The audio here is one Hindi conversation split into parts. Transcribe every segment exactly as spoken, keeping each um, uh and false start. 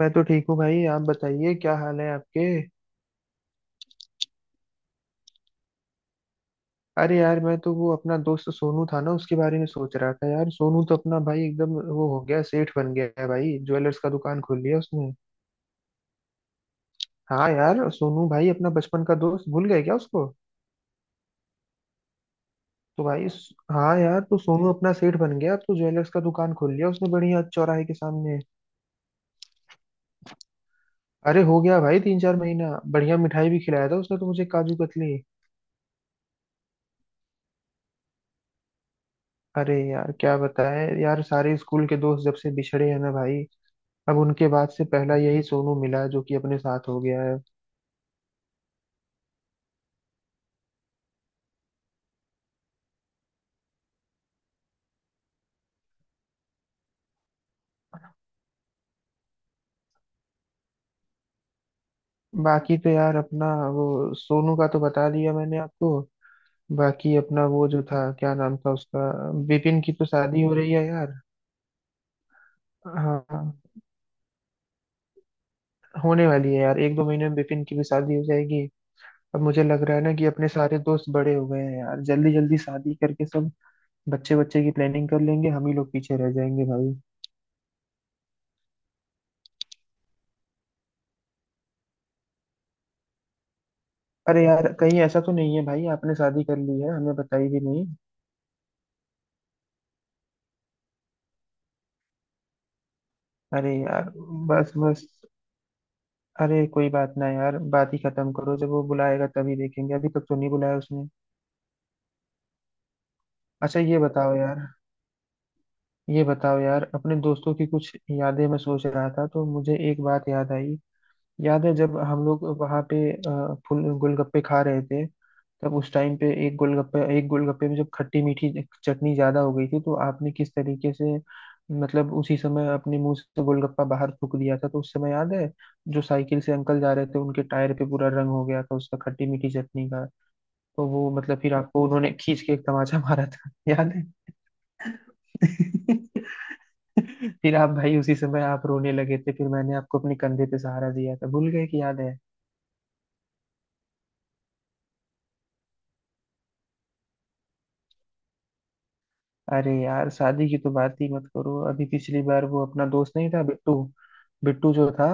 मैं तो ठीक हूँ भाई। आप बताइए क्या हाल है आपके। अरे यार, मैं तो वो अपना दोस्त सोनू था ना, उसके बारे में सोच रहा था। यार सोनू तो अपना भाई एकदम वो हो गया, सेठ बन गया है भाई। ज्वेलर्स का दुकान खोल लिया उसने। हाँ यार, सोनू भाई अपना बचपन का दोस्त, भूल गए क्या उसको? तो भाई स- हाँ यार, तो सोनू अपना सेठ बन गया। अब तो ज्वेलर्स का दुकान खोल लिया उसने, बढ़िया चौराहे के सामने। अरे हो गया भाई तीन चार महीना। बढ़िया मिठाई भी खिलाया था उसने तो मुझे, काजू कतली। अरे यार क्या बताएं यार, सारे स्कूल के दोस्त जब से बिछड़े हैं ना भाई। अब उनके बाद से पहला यही सोनू मिला जो कि अपने साथ हो गया है। बाकी तो यार अपना वो, सोनू का तो बता दिया मैंने आपको। बाकी अपना वो जो था, क्या नाम था उसका। विपिन की तो शादी हो रही है यार। हाँ हाँ, होने वाली है यार, एक दो महीने में विपिन की भी शादी हो जाएगी। अब मुझे लग रहा है ना कि अपने सारे दोस्त बड़े हो गए हैं यार, जल्दी जल्दी शादी करके सब बच्चे बच्चे की प्लानिंग कर लेंगे। हम ही लोग पीछे रह जाएंगे भाई। अरे यार, कहीं ऐसा तो नहीं है भाई आपने शादी कर ली है, हमें बताई भी नहीं। अरे यार, बस बस। अरे कोई बात ना यार, बात ही खत्म करो। जब वो बुलाएगा तभी देखेंगे, अभी तक तो नहीं बुलाया उसने। अच्छा ये बताओ यार, ये बताओ यार, अपने दोस्तों की कुछ यादें मैं सोच रहा था तो मुझे एक बात याद आई। याद है जब हम लोग वहां पे अ, फुल गोलगप्पे खा रहे थे? तब उस टाइम पे एक गोलगप्पे एक गोलगप्पे में जब खट्टी मीठी चटनी ज्यादा हो गई थी, तो आपने किस तरीके से, मतलब उसी समय अपने मुंह से गोलगप्पा बाहर थूक दिया था। तो उस समय याद है, जो साइकिल से अंकल जा रहे थे, उनके टायर पे पूरा रंग हो गया था उसका, खट्टी मीठी चटनी का। तो वो मतलब फिर आपको उन्होंने खींच के एक तमाचा मारा था, याद है? फिर आप भाई उसी समय आप रोने लगे थे, फिर मैंने आपको अपने कंधे पे सहारा दिया था, भूल गए कि याद है? अरे यार शादी की तो बात ही मत करो। अभी पिछली बार वो अपना दोस्त नहीं था बिट्टू, बिट्टू जो था,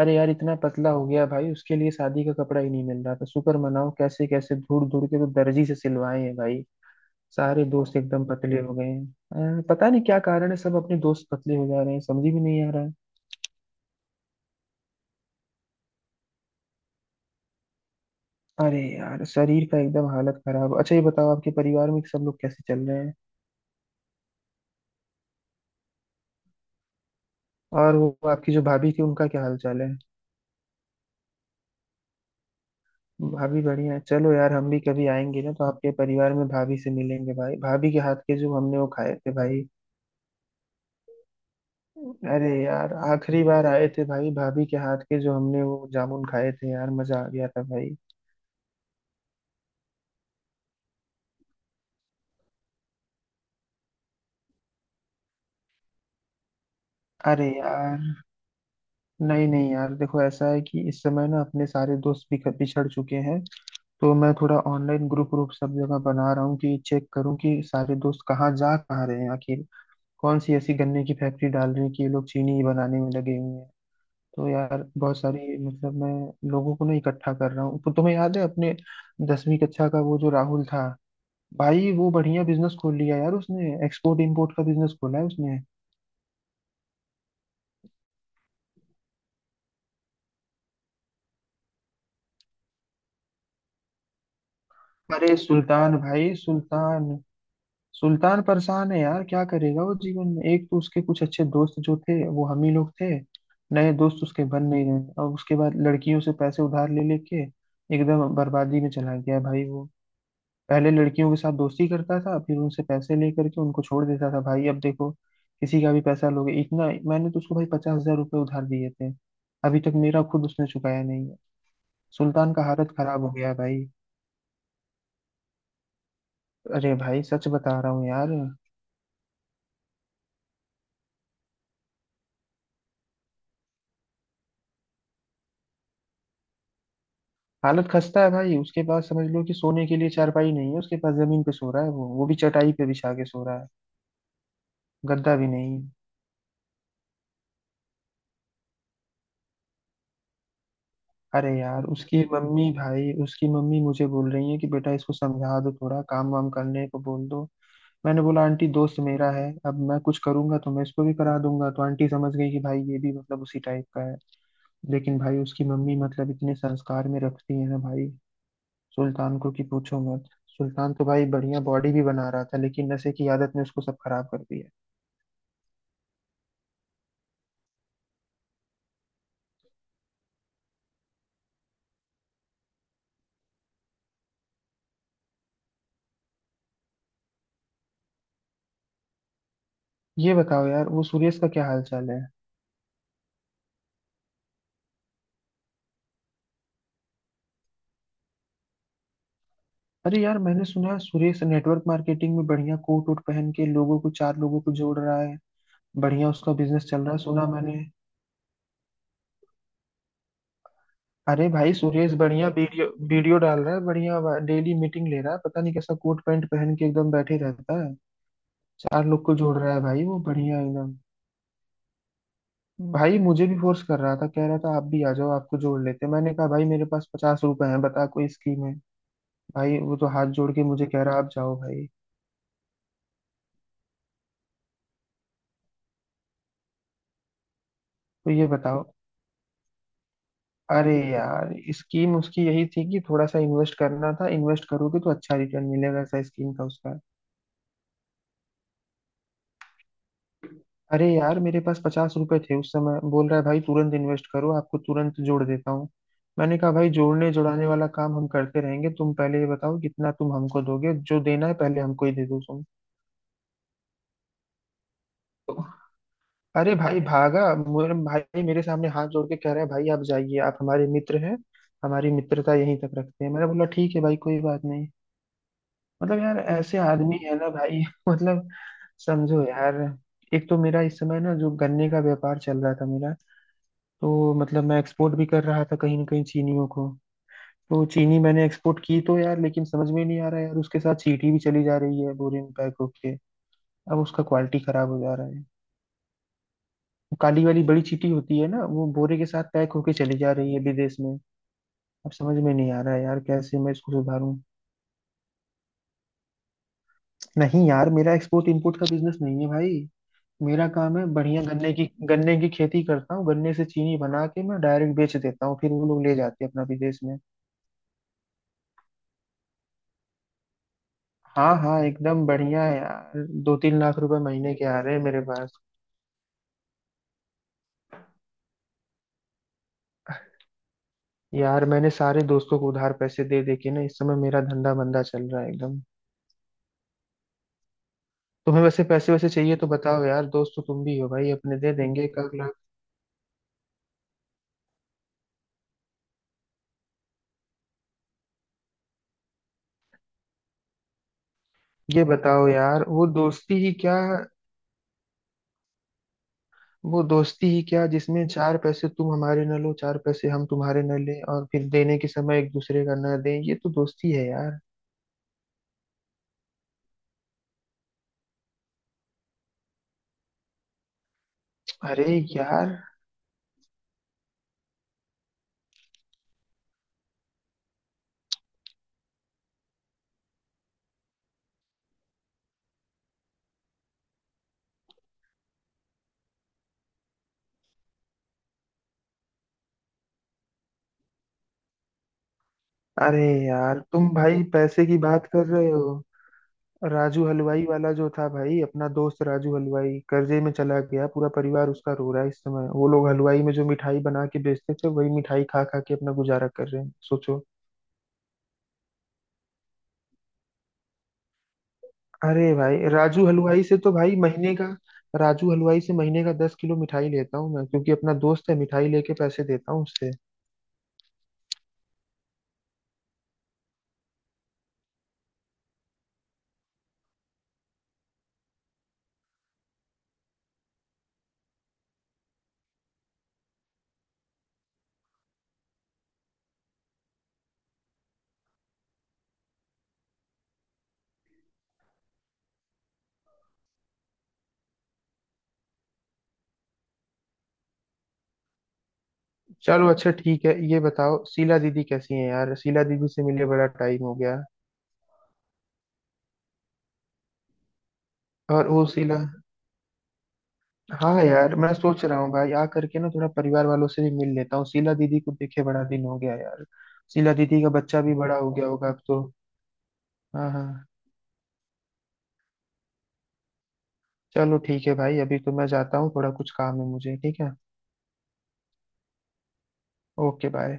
अरे यार इतना पतला हो गया भाई, उसके लिए शादी का कपड़ा ही नहीं मिल रहा था। शुक्र मनाओ कैसे कैसे ढूंढ ढूंढ के तो दर्जी से सिलवाए हैं भाई। सारे दोस्त एकदम पतले हो गए हैं अ, पता नहीं क्या कारण है, सब अपने दोस्त पतले हो जा रहे हैं, समझ ही में नहीं आ रहा है। अरे यार शरीर का एकदम हालत खराब। अच्छा ये बताओ, आपके परिवार में सब लोग कैसे चल रहे हैं? और वो आपकी जो भाभी थी उनका क्या हाल चाल है? भाभी बढ़िया है, चलो यार। हम भी कभी आएंगे ना तो आपके परिवार में भाभी से मिलेंगे भाई, भाभी के हाथ के जो हमने वो खाए थे भाई। अरे यार आखिरी बार आए थे भाई, भाभी के हाथ के जो हमने वो जामुन खाए थे यार, मजा आ गया था भाई। अरे यार, नहीं नहीं यार, देखो ऐसा है कि इस समय ना अपने सारे दोस्त बिख- बिछड़ चुके हैं। तो मैं थोड़ा ऑनलाइन ग्रुप ग्रुप सब जगह बना रहा हूँ कि चेक करूँ कि सारे दोस्त कहाँ जा कहाँ रहे हैं आखिर। कौन सी ऐसी गन्ने की फैक्ट्री डाल रही है कि ये लोग चीनी ही बनाने में लगे हुए हैं। तो यार बहुत सारी मतलब मैं लोगों को ना इकट्ठा कर रहा हूँ। तो तुम्हें याद है अपने दसवीं कक्षा का वो जो राहुल था, भाई वो बढ़िया बिजनेस खोल लिया यार उसने, एक्सपोर्ट इंपोर्ट का बिजनेस खोला है उसने। अरे सुल्तान भाई सुल्तान, सुल्तान परेशान है यार, क्या करेगा वो जीवन में। एक तो उसके कुछ अच्छे दोस्त जो थे वो हम ही लोग थे। नए दोस्त उसके बन नहीं रहे, और उसके बाद लड़कियों से पैसे उधार ले लेके एकदम बर्बादी में चला गया भाई वो। पहले लड़कियों के साथ दोस्ती करता था, फिर उनसे पैसे लेकर के उनको छोड़ देता था भाई। अब देखो, किसी का भी पैसा लोगे? इतना मैंने तो उसको भाई पचास हजार रुपये उधार दिए थे, अभी तक मेरा खुद उसने चुकाया नहीं है। सुल्तान का हालत खराब हो गया है भाई। अरे भाई सच बता रहा हूँ यार। हालत खस्ता है भाई, उसके पास समझ लो कि सोने के लिए चारपाई नहीं है उसके पास। जमीन पे सो रहा है वो वो भी चटाई पे बिछा के सो रहा है, गद्दा भी नहीं। अरे यार उसकी मम्मी भाई, उसकी मम्मी मुझे बोल रही है कि बेटा इसको समझा दो, थोड़ा काम वाम करने को बोल दो। मैंने बोला आंटी दोस्त मेरा है, अब मैं कुछ करूंगा तो मैं इसको भी करा दूंगा। तो आंटी समझ गई कि भाई ये भी मतलब उसी टाइप का है। लेकिन भाई उसकी मम्मी मतलब इतने संस्कार में रखती है ना भाई सुल्तान को, कि पूछो मत। सुल्तान तो भाई बढ़िया बॉडी भी बना रहा था, लेकिन नशे की आदत ने उसको सब खराब कर दिया। ये बताओ यार वो सुरेश का क्या हाल चाल है? अरे यार मैंने सुना है सुरेश नेटवर्क मार्केटिंग में बढ़िया कोट वोट पहन के लोगों को, चार लोगों को जोड़ रहा है। बढ़िया उसका बिजनेस चल रहा है, सुना मैंने। अरे भाई सुरेश बढ़िया वीडियो वीडियो डाल रहा है, बढ़िया डेली मीटिंग ले रहा है, पता नहीं कैसा कोट पैंट पहन के एकदम बैठे रहता है। चार लोग को जोड़ रहा है भाई वो, बढ़िया एकदम। भाई मुझे भी फोर्स कर रहा था, कह रहा था आप भी आ जाओ, आपको जोड़ लेते हैं। मैंने कहा भाई मेरे पास पचास रुपए हैं, बता कोई स्कीम है? भाई वो तो हाथ जोड़ के मुझे कह रहा, आप जाओ भाई। तो ये बताओ, अरे यार स्कीम उसकी यही थी कि थोड़ा सा इन्वेस्ट करना था। इन्वेस्ट करोगे तो अच्छा रिटर्न मिलेगा, ऐसा स्कीम था उसका। अरे यार मेरे पास पचास रुपए थे उस समय, बोल रहा है भाई तुरंत इन्वेस्ट करो, आपको तुरंत जोड़ देता हूँ। मैंने कहा भाई जोड़ने जोड़ाने वाला काम हम करते रहेंगे, तुम पहले ये बताओ कितना तुम हमको दोगे, जो देना है पहले हमको ही दे दो तुम। अरे भाई भागा मेरे भाई, मेरे सामने हाथ जोड़ के कह रहा है भाई आप जाइए, आप हमारे मित्र हैं, हमारी मित्रता यहीं तक रखते हैं। मैंने बोला ठीक है भाई कोई बात नहीं। मतलब यार ऐसे आदमी है ना भाई मतलब समझो यार। एक तो मेरा इस समय ना जो गन्ने का व्यापार चल रहा था मेरा, तो मतलब मैं एक्सपोर्ट भी कर रहा था कहीं ना कहीं, चीनियों को तो चीनी मैंने एक्सपोर्ट की तो यार। लेकिन समझ में नहीं आ रहा यार उसके साथ चींटी भी चली जा रही है बोरे में पैक होके, अब उसका क्वालिटी खराब हो जा रहा है। वो काली वाली बड़ी चींटी होती है ना, वो बोरे के साथ पैक होके चली जा रही है विदेश में। अब समझ में नहीं आ रहा है यार कैसे मैं इसको सुधारूं। नहीं यार मेरा एक्सपोर्ट इंपोर्ट का बिजनेस नहीं है भाई। मेरा काम है बढ़िया गन्ने की गन्ने की खेती करता हूँ, गन्ने से चीनी बना के मैं डायरेक्ट बेच देता हूँ, फिर वो लोग ले जाते हैं अपना विदेश में। हाँ हाँ एकदम बढ़िया है यार, दो तीन लाख रुपए महीने के आ रहे हैं मेरे पास। यार मैंने सारे दोस्तों को उधार पैसे दे दे के ना, इस समय मेरा धंधा मंदा चल रहा है एकदम। तुम्हें वैसे पैसे वैसे चाहिए तो बताओ यार, दोस्त तो तुम भी हो भाई अपने, दे देंगे एक आध लाख। ये बताओ यार, वो दोस्ती ही क्या, वो दोस्ती ही क्या जिसमें चार पैसे तुम हमारे न लो, चार पैसे हम तुम्हारे न ले, और फिर देने के समय एक दूसरे का न दें, ये तो दोस्ती है यार। अरे यार, अरे यार तुम भाई पैसे की बात कर रहे हो। राजू हलवाई वाला जो था भाई, अपना दोस्त राजू हलवाई कर्जे में चला गया, पूरा परिवार उसका रो रहा है इस समय। वो लोग हलवाई में जो मिठाई बना के बेचते थे, वही मिठाई खा खा के अपना गुजारा कर रहे हैं, सोचो। अरे भाई राजू हलवाई से तो भाई महीने का, राजू हलवाई से महीने का दस किलो मिठाई लेता हूँ मैं, क्योंकि अपना दोस्त है। मिठाई लेके पैसे देता हूँ उससे। चलो अच्छा ठीक है, ये बताओ शीला दीदी कैसी है यार, शीला दीदी से मिले बड़ा टाइम हो गया। और वो शीला, हाँ यार मैं सोच रहा हूँ भाई आ करके ना थोड़ा परिवार वालों से भी मिल लेता हूँ, शीला दीदी को देखे बड़ा दिन हो गया यार। शीला दीदी का बच्चा भी बड़ा हो गया होगा अब तो। हाँ हाँ, चलो ठीक है भाई, अभी तो मैं जाता हूँ, थोड़ा कुछ काम है मुझे, ठीक है? Okay bye.